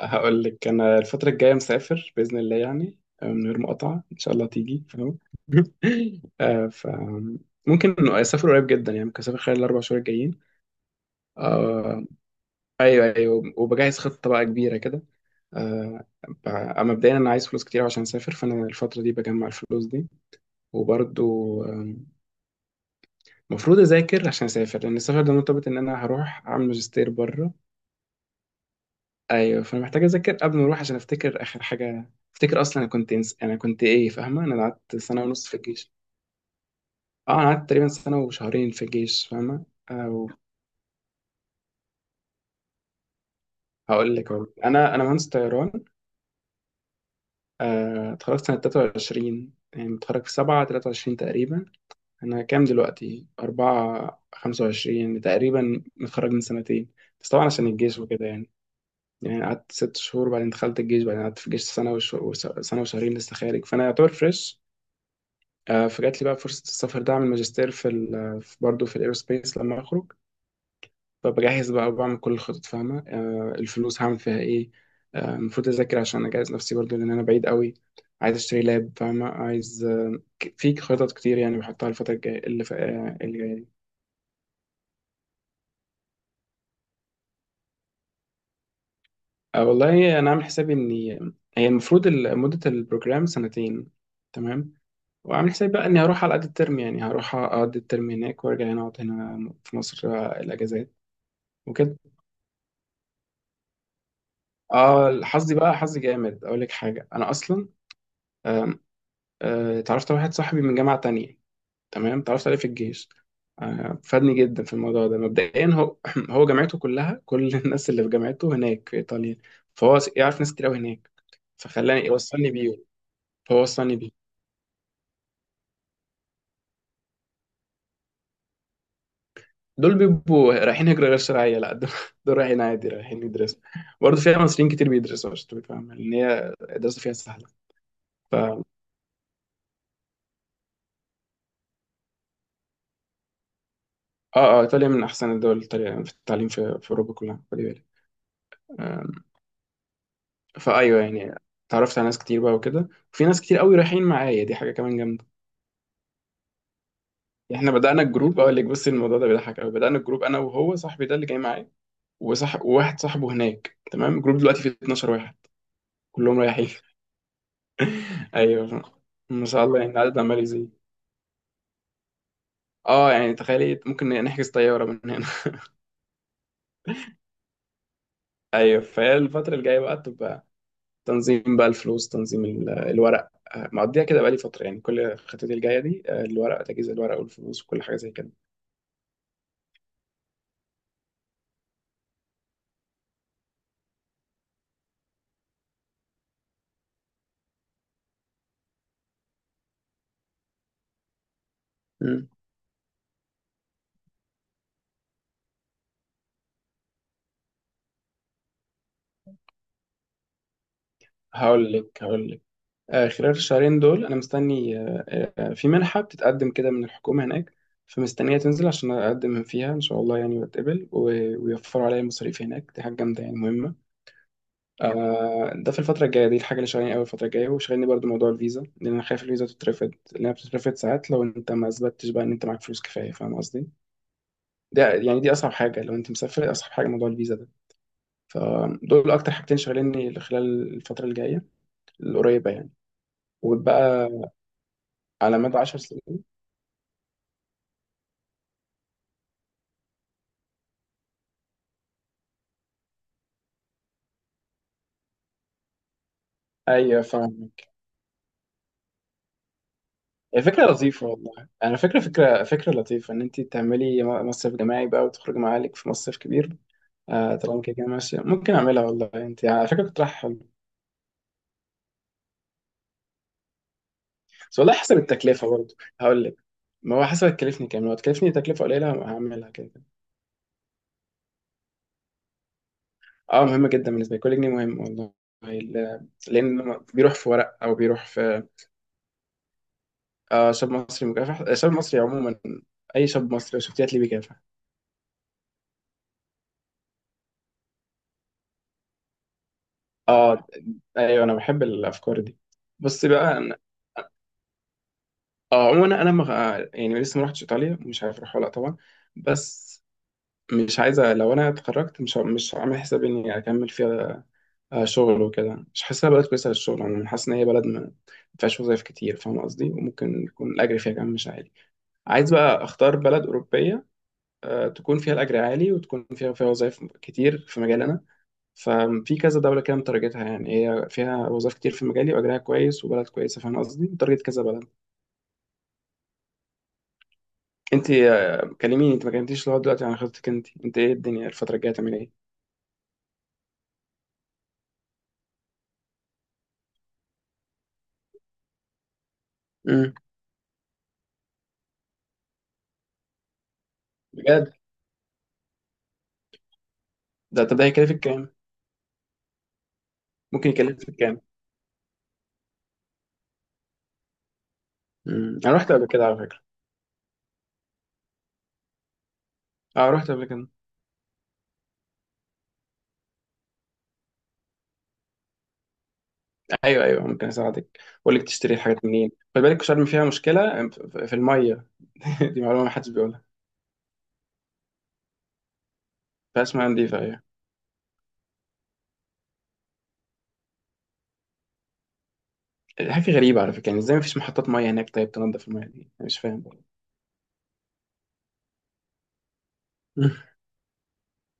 هقول لك انا الفتره الجايه مسافر باذن الله يعني، من غير مقاطعه ان شاء الله تيجي فاهم. آه، ف ممكن اسافر قريب جدا، يعني ممكن اسافر خلال الاربع شهور الجايين. آه، ايوه ايوه، وبجهز خطه بقى كبيره كده. مبدئيا انا عايز فلوس كتير عشان اسافر، فانا الفتره دي بجمع الفلوس دي. وبرضو، المفروض اذاكر عشان اسافر، لان السفر ده مرتبط ان انا هروح اعمل ماجستير بره. ايوه، فانا محتاج اذاكر قبل ما اروح عشان افتكر اخر حاجه افتكر اصلا. انا كنت ايه، فاهمه؟ انا قعدت سنه ونص في الجيش. اه انا قعدت تقريبا سنه وشهرين في الجيش، فاهمه؟ او هقول لك أهو. انا مهندس طيران. اتخرجت سنه 23، يعني متخرج في 7 23 تقريبا. انا كام دلوقتي؟ 4 25 تقريبا، متخرج من سنتين، بس طبعا عشان الجيش وكده يعني. يعني قعدت ست شهور، بعدين دخلت الجيش، بعدين قعدت في الجيش سنة وشهرين، لسه خارج، فأنا يعتبر فريش. فجات لي بقى فرصة السفر ده، أعمل ماجستير في ال في برضه في الإيروسبيس لما أخرج. فبجهز بقى وبعمل كل الخطط، فاهمة؟ الفلوس هعمل فيها إيه. المفروض أذاكر عشان أجهز نفسي برضه، لأن أنا بعيد قوي. عايز أشتري لاب، فاهمة؟ عايز في خطط كتير يعني بحطها الفترة الجاية، اللي اللي جاية دي. والله أنا عامل حسابي إني، هي المفروض مدة البروجرام سنتين. تمام. وعامل حسابي بقى إني هروح على قد الترم، يعني هروح أقضي الترم هناك وأرجع هنا، أقعد هنا في مصر الأجازات وكده. اه حظي بقى، حظي جامد، اقول لك حاجه، انا اصلا آم، اتعرفت على واحد صاحبي من جامعه تانية. تمام، اتعرفت عليه في الجيش. فادني جدا في الموضوع ده. مبدئيا هو هو جامعته كلها، كل الناس اللي في جامعته هناك في ايطاليا. فهو يعرف ناس كتير قوي هناك، فخلاني يوصلني بيهم، فهو وصلني بيه. دول بيبقوا رايحين هجرة غير شرعية؟ لا، دول، دول رايحين عادي، رايحين يدرسوا. برضه فيها مصريين كتير بيدرسوا، عشان تبقى فاهم، لأن هي الدراسة فيها سهلة. ف اه اه ايطاليا من احسن الدول في التعليم في اوروبا كلها، خلي بالك. آم، فايوه يعني، اتعرفت على ناس كتير بقى وكده، وفي ناس كتير قوي رايحين معايا، دي حاجه كمان جامده. يعني احنا بدانا الجروب، اقول لك، بصي الموضوع ده بيضحك قوي، بدانا الجروب انا وهو صاحبي ده اللي جاي معايا، وواحد صاحبه هناك، تمام. الجروب دلوقتي فيه 12 واحد كلهم رايحين. ايوه ما شاء الله، يعني العدد عمال يزيد. اه يعني تخيلي ممكن نحجز طياره من هنا. ايوه، فهي الفتره الجايه بقى تبقى تنظيم بقى الفلوس، تنظيم الورق. مقضيها كده بقى لي فتره، يعني كل خطتي الجايه دي الورق، تجهيز الورق والفلوس وكل حاجه زي كده. هقول لك، خلال الشهرين دول انا مستني في منحه بتتقدم كده من الحكومه هناك. فمستنيه تنزل عشان اقدم فيها ان شاء الله، يعني واتقبل ويوفروا عليا المصاريف هناك، دي حاجه جامده يعني مهمه. ده في الفتره الجايه دي الحاجه اللي شغالين قوي الفتره الجايه. وشغالني برضو موضوع الفيزا، لان انا خايف الفيزا تترفض، لانها بتترفض ساعات لو انت ما اثبتتش بقى ان انت معاك فلوس كفايه، فاهم قصدي؟ ده يعني دي اصعب حاجه لو انت مسافر، اصعب حاجه موضوع الفيزا ده. فدول اكتر حاجتين شغاليني خلال الفتره الجايه القريبه يعني، وبقى على مدى 10 سنين. ايوه فاهمك. هي فكره لطيفه والله، انا فكره لطيفه ان انت تعملي مصيف جماعي بقى وتخرجي مع عيالك في مصيف كبير. آه طالما كده كده ماشيه، ممكن اعملها. والله انت على فكره كنت رايح حلو. بس والله حسب التكلفه برضه، هقول لك، ما هو حسب هتكلفني كام، لو هتكلفني تكلفه قليله هعملها كده كده. اه مهمه جدا بالنسبه لي، كل جنيه مهم والله. لان بيروح في ورق او بيروح في. آه شاب مصري مكافح، شاب مصري عموما، اي شاب مصري لو شفتيه هتلاقيه بيكافح. اه، ايوه انا بحب الافكار دي. بص بقى أنا- اه عموما يعني لسه ما رحتش ايطاليا، مش عارف اروح ولا لأ طبعا. بس مش عايزه، لو انا اتخرجت مش عامل حسابي اني اكمل فيها. شغل وكده، مش حاسسها بلد كويسه للشغل عموما، حاسس ان هي بلد ما فيهاش وظايف كتير، فاهم قصدي؟ وممكن يكون الاجر فيها كمان مش عالي. عايز بقى اختار بلد اوروبيه تكون فيها الاجر عالي، وتكون فيها وظايف كتير في مجالنا. ففي كذا دولة كده مترجتها، يعني هي فيها وظائف كتير في مجالي، وأجرها كويس، وبلد كويسة، فاهم قصدي؟ مترجت كذا بلد. أنت، كلميني، أنت ما كلمتيش لغاية دلوقتي عن خطتك. أنت إيه الدنيا الفترة الجاية، تعمل إيه؟ امم بجد. ده طب ده هيكلفك كام؟ ممكن يكلفك كام؟ امم، أنا رحت قبل كده على فكرة. أه رحت قبل كده. أيوه، أيوه، ممكن أساعدك، أقول لك تشتري الحاجات منين. خلي بالك شرم فيها مشكلة في المية. دي معلومة ما حدش بيقولها. فيها اسمها نضيفة، أيوه. حاجة غريبة على فكرة، يعني إزاي مفيش محطات مية هناك؟ طيب تنضف المية دي؟ أنا مش فاهم.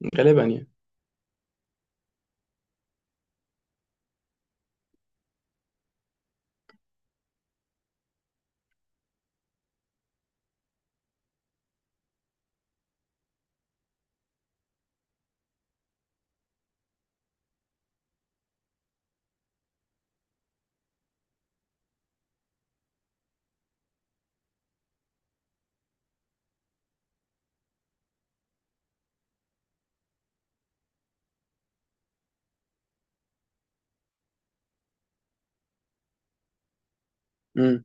غالبا يعني. امم.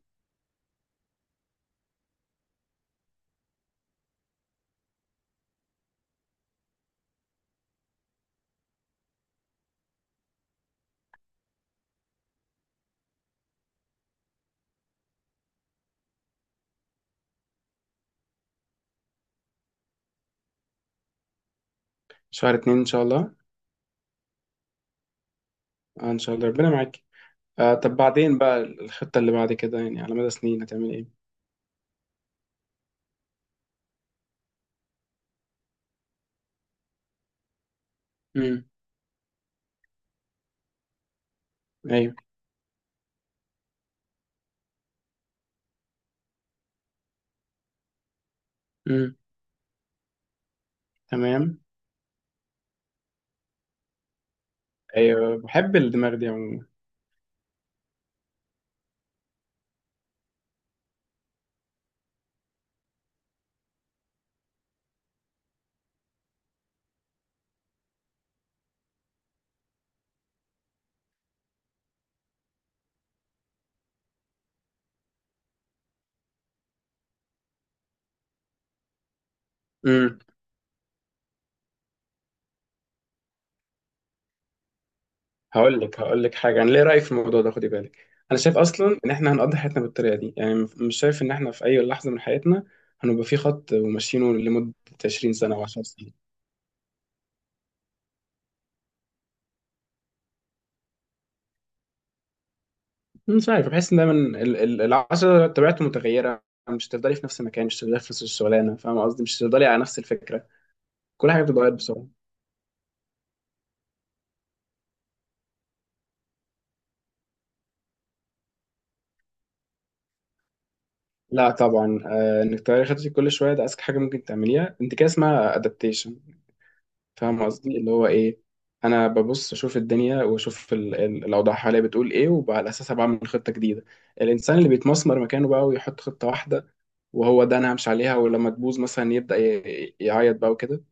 شهر اتنين ان شاء الله. آه ان شاء الله، ربنا معاك. آه، طب بعدين بقى الخطة اللي بعد كده، يعني على مدى سنين هتعمل ايه؟ امم. ايوه. امم. تمام. ايوه بحب الدماغ دي عموما. امم. هقول لك حاجة، انا ليه رأيي في الموضوع ده، خدي بالك. انا شايف اصلا ان احنا هنقضي حياتنا بالطريقة دي، يعني مش شايف ان احنا في اي لحظة من حياتنا هنبقى في خط وماشيينه لمدة 20 سنة او 10 سنين. مش عارف، بحس ان دايما العشرة طبيعته متغيرة، مش هتفضلي في نفس المكان، مش هتفضلي في نفس الشغلانة، فاهم قصدي؟ مش هتفضلي على نفس الفكرة، كل حاجه بتتغير بسرعه. لا طبعا، آه انك تغيري خطتك كل شويه ده اذكى حاجه ممكن تعمليها، انت كده اسمها ادابتيشن، فاهم قصدي؟ اللي هو ايه، انا ببص اشوف الدنيا، واشوف الاوضاع حواليا بتقول ايه، وعلى اساسها بعمل خطه جديده. الانسان اللي بيتمسمر مكانه بقى ويحط خطه واحده وهو ده انا همشي عليها، ولما تبوظ مثلا يبدا يعيط بقى وكده.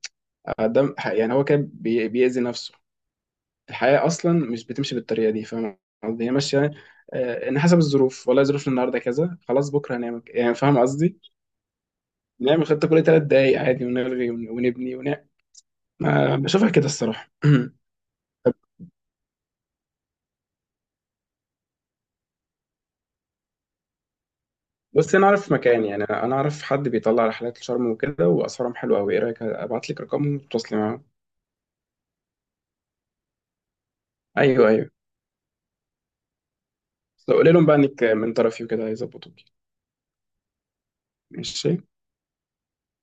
يعني هو كده بيأذي نفسه. الحياة أصلا مش بتمشي بالطريقة دي، فاهم قصدي؟ هي ماشية إن حسب الظروف، والله ظروف النهاردة كذا، خلاص بكرة هنعمل يعني، فاهم قصدي؟ نعمل خطة كل تلات دقايق عادي، ونلغي ونبني ونعمل. ما بشوفها كده الصراحة. بس أنا أعرف مكان، يعني أنا أعرف حد بيطلع رحلات لشرم وكده وأسعارهم حلوة أوي. إيه رأيك أبعت لك رقمهم وتتواصلي معاهم؟ أيوه، أيوه، بس لو قولي لهم بقى إنك من طرفي وكده هيظبطوك. ماشي